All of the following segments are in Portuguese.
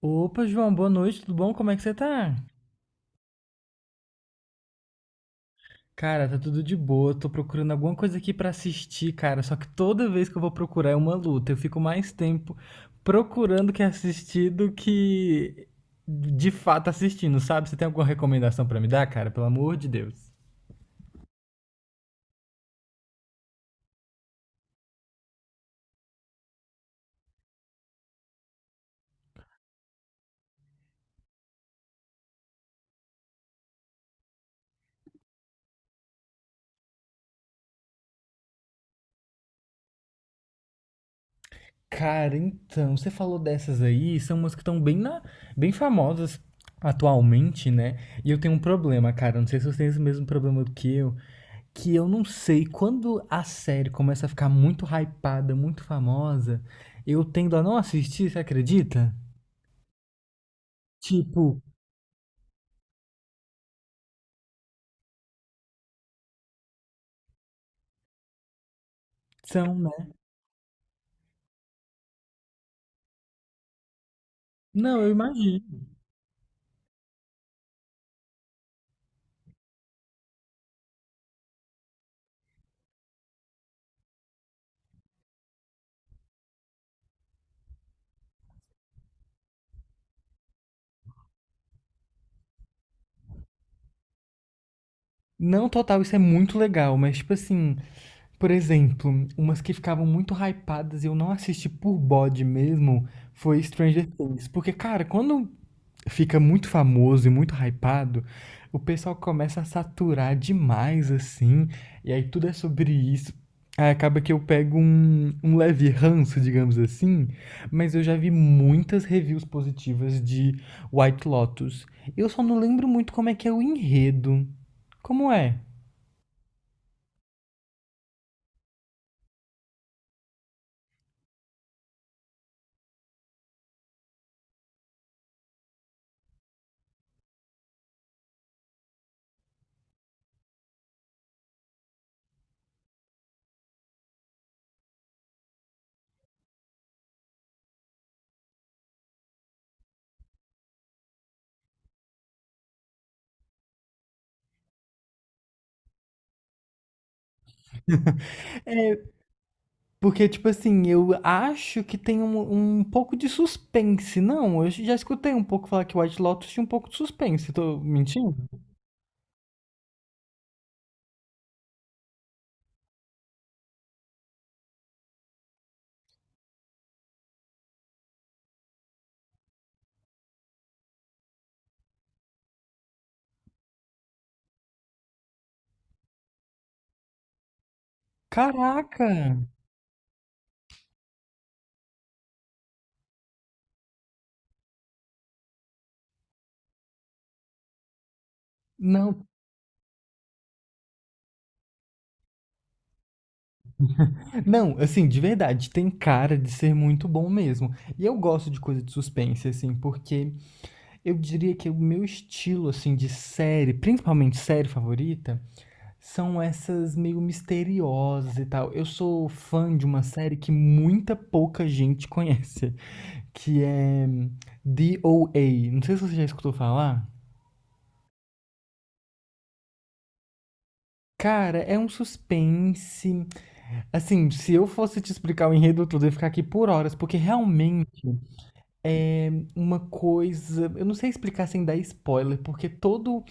Opa, João, boa noite, tudo bom? Como é que você tá? Cara, tá tudo de boa. Tô procurando alguma coisa aqui pra assistir, cara. Só que toda vez que eu vou procurar é uma luta. Eu fico mais tempo procurando que assistir do que de fato assistindo, sabe? Você tem alguma recomendação pra me dar, cara? Pelo amor de Deus. Cara, então, você falou dessas aí, são umas que estão bem na, bem famosas atualmente, né? E eu tenho um problema, cara, não sei se você tem esse mesmo problema do que eu não sei, quando a série começa a ficar muito hypada, muito famosa, eu tendo a não assistir, você acredita? Tipo, são, né? Não, eu imagino. Não, total, isso é muito legal, mas tipo assim, por exemplo, umas que ficavam muito hypadas e eu não assisti por bode mesmo foi Stranger Things. Porque, cara, quando fica muito famoso e muito hypado, o pessoal começa a saturar demais, assim, e aí tudo é sobre isso. Aí acaba que eu pego um leve ranço, digamos assim, mas eu já vi muitas reviews positivas de White Lotus. Eu só não lembro muito como é que é o enredo. Como é? É, porque, tipo assim, eu acho que tem um pouco de suspense. Não, eu já escutei um pouco falar que White Lotus tinha um pouco de suspense. Tô mentindo? Caraca! Não, não, assim, de verdade, tem cara de ser muito bom mesmo. E eu gosto de coisa de suspense, assim, porque eu diria que o meu estilo, assim, de série, principalmente série favorita, são essas meio misteriosas e tal. Eu sou fã de uma série que muita pouca gente conhece, que é DOA. Não sei se você já escutou falar. Cara, é um suspense. Assim, se eu fosse te explicar o enredo todo, eu ia ficar aqui por horas, porque realmente é uma coisa. Eu não sei explicar sem dar spoiler, porque todo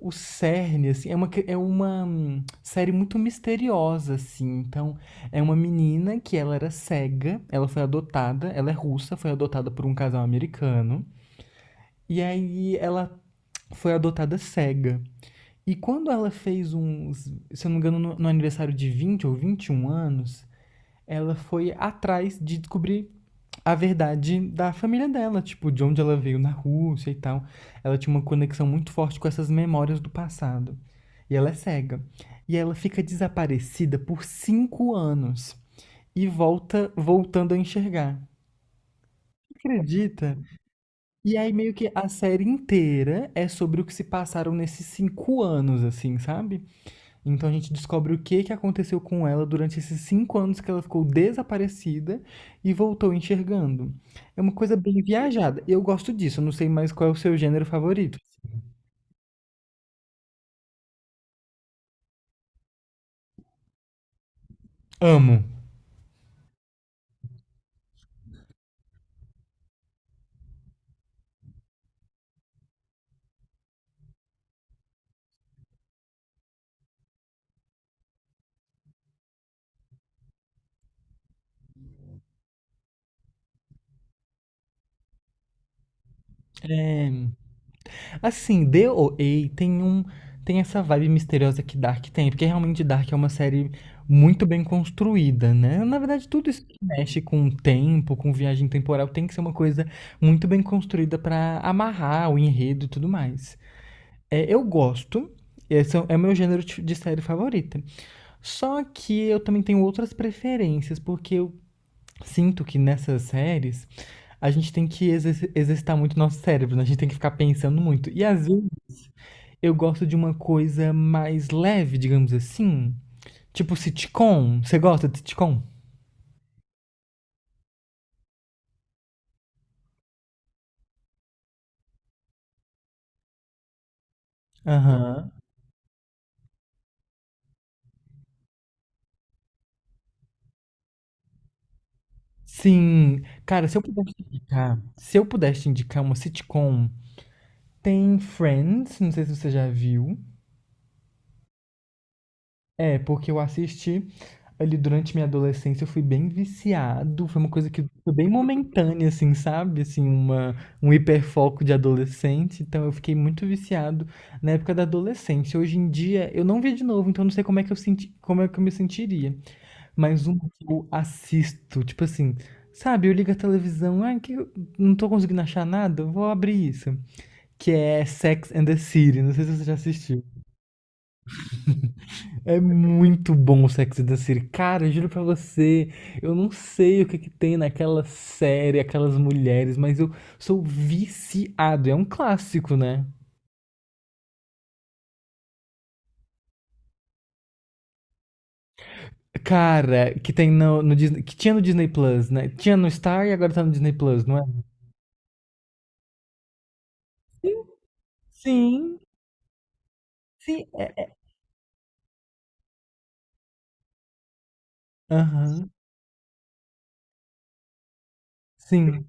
o cerne, assim, é uma, é uma série muito misteriosa, assim. Então, é uma menina que ela era cega, ela foi adotada, ela é russa, foi adotada por um casal americano. E aí ela foi adotada cega. E quando ela fez uns, se eu não me engano, no aniversário de 20 ou 21 anos, ela foi atrás de descobrir a verdade da família dela, tipo, de onde ela veio na Rússia e tal. Ela tinha uma conexão muito forte com essas memórias do passado. E ela é cega. E ela fica desaparecida por cinco anos e volta voltando a enxergar. Acredita? E aí meio que a série inteira é sobre o que se passaram nesses cinco anos, assim, sabe? Então a gente descobre o que, que aconteceu com ela durante esses cinco anos que ela ficou desaparecida e voltou enxergando. É uma coisa bem viajada. Eu gosto disso, eu não sei mais qual é o seu gênero favorito. Amo. É, assim, D O DOA tem um tem essa vibe misteriosa que Dark tem, porque realmente Dark é uma série muito bem construída, né? Na verdade, tudo isso que mexe com o tempo, com viagem temporal, tem que ser uma coisa muito bem construída pra amarrar o enredo e tudo mais. É, eu gosto. Esse é meu gênero de série favorita. Só que eu também tenho outras preferências, porque eu sinto que nessas séries a gente tem que exercitar muito nosso cérebro, né? A gente tem que ficar pensando muito. E às vezes eu gosto de uma coisa mais leve, digamos assim. Tipo sitcom. Você gosta de sitcom? Aham. Sim. Cara, se eu pudesse te indicar, se eu pudesse te indicar uma sitcom, tem Friends, não sei se você já viu. É, porque eu assisti ali durante minha adolescência, eu fui bem viciado, foi uma coisa que foi bem momentânea, assim, sabe? Assim, um hiperfoco de adolescente, então eu fiquei muito viciado na época da adolescência. Hoje em dia, eu não vi de novo, então eu não sei como é que eu senti, como é que eu me sentiria. Mas um que eu assisto, tipo assim, sabe? Eu ligo a televisão, ai, que eu não tô conseguindo achar nada, eu vou abrir isso. Que é Sex and the City, não sei se você já assistiu. É muito bom o Sex and the City. Cara, eu juro pra você, eu não sei o que que tem naquela série, aquelas mulheres, mas eu sou viciado. É um clássico, né? Cara, que tem no Disney, que tinha no Disney Plus, né? Tinha no Star e agora tá no Disney Plus, não é? Sim, sim, é. Aham, sim.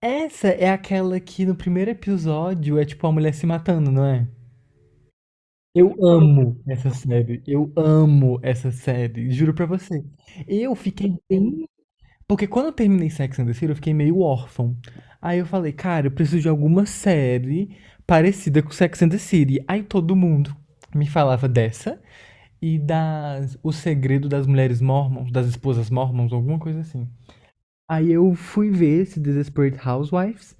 Essa é aquela que no primeiro episódio é tipo a mulher se matando, não é? Eu amo essa série. Eu amo essa série. Juro pra você. Eu fiquei bem. Porque quando eu terminei Sex and the City, eu fiquei meio órfão. Aí eu falei, cara, eu preciso de alguma série parecida com Sex and the City. Aí todo mundo me falava dessa e das O Segredo das Mulheres Mormons, das Esposas Mormons, alguma coisa assim. Aí eu fui ver esse Desperate Housewives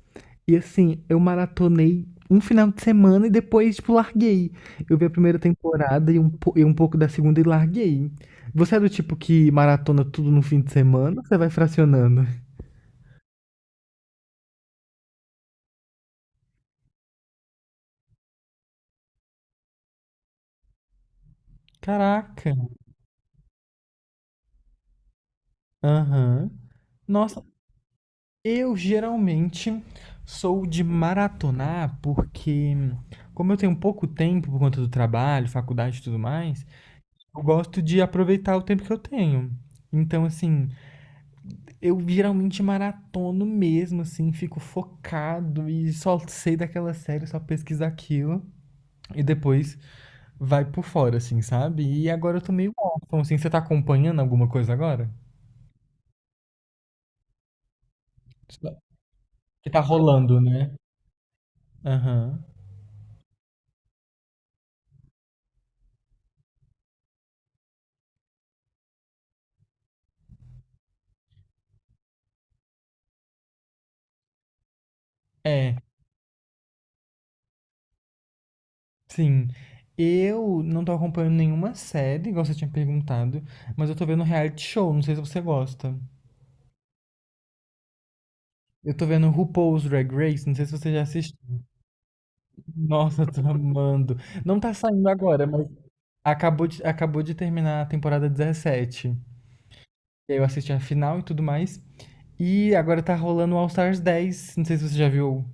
e assim, eu maratonei um final de semana e depois, tipo, larguei. Eu vi a primeira temporada e um pouco da segunda e larguei. Você é do tipo que maratona tudo no fim de semana ou você vai fracionando? Caraca. Aham. Nossa, eu geralmente sou de maratonar porque, como eu tenho pouco tempo por conta do trabalho, faculdade e tudo mais, eu gosto de aproveitar o tempo que eu tenho. Então, assim, eu geralmente maratono mesmo, assim, fico focado e só sei daquela série, só pesquiso aquilo e depois vai por fora, assim, sabe? E agora eu tô meio órfão, assim, você tá acompanhando alguma coisa agora? Que tá rolando, né? Aham. É, sim. Eu não tô acompanhando nenhuma série, igual você tinha perguntado, mas eu tô vendo reality show, não sei se você gosta. Eu tô vendo RuPaul's Drag Race, não sei se você já assistiu. Nossa, eu tô amando. Não tá saindo agora, mas acabou de terminar a temporada 17. E aí eu assisti a final e tudo mais. E agora tá rolando o All Stars 10, não sei se você já viu.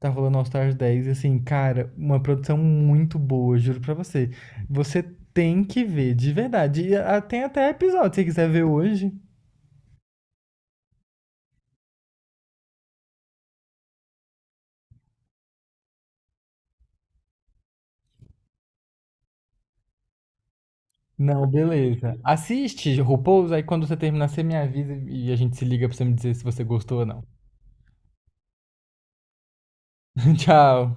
Tá rolando All Stars 10, assim, cara, uma produção muito boa, juro pra você. Você tem que ver, de verdade. E ah, tem até episódio, se você quiser ver hoje. Não, beleza. Assiste RuPaul's, aí quando você terminar, você me avisa e a gente se liga pra você me dizer se você gostou ou não. Tchau.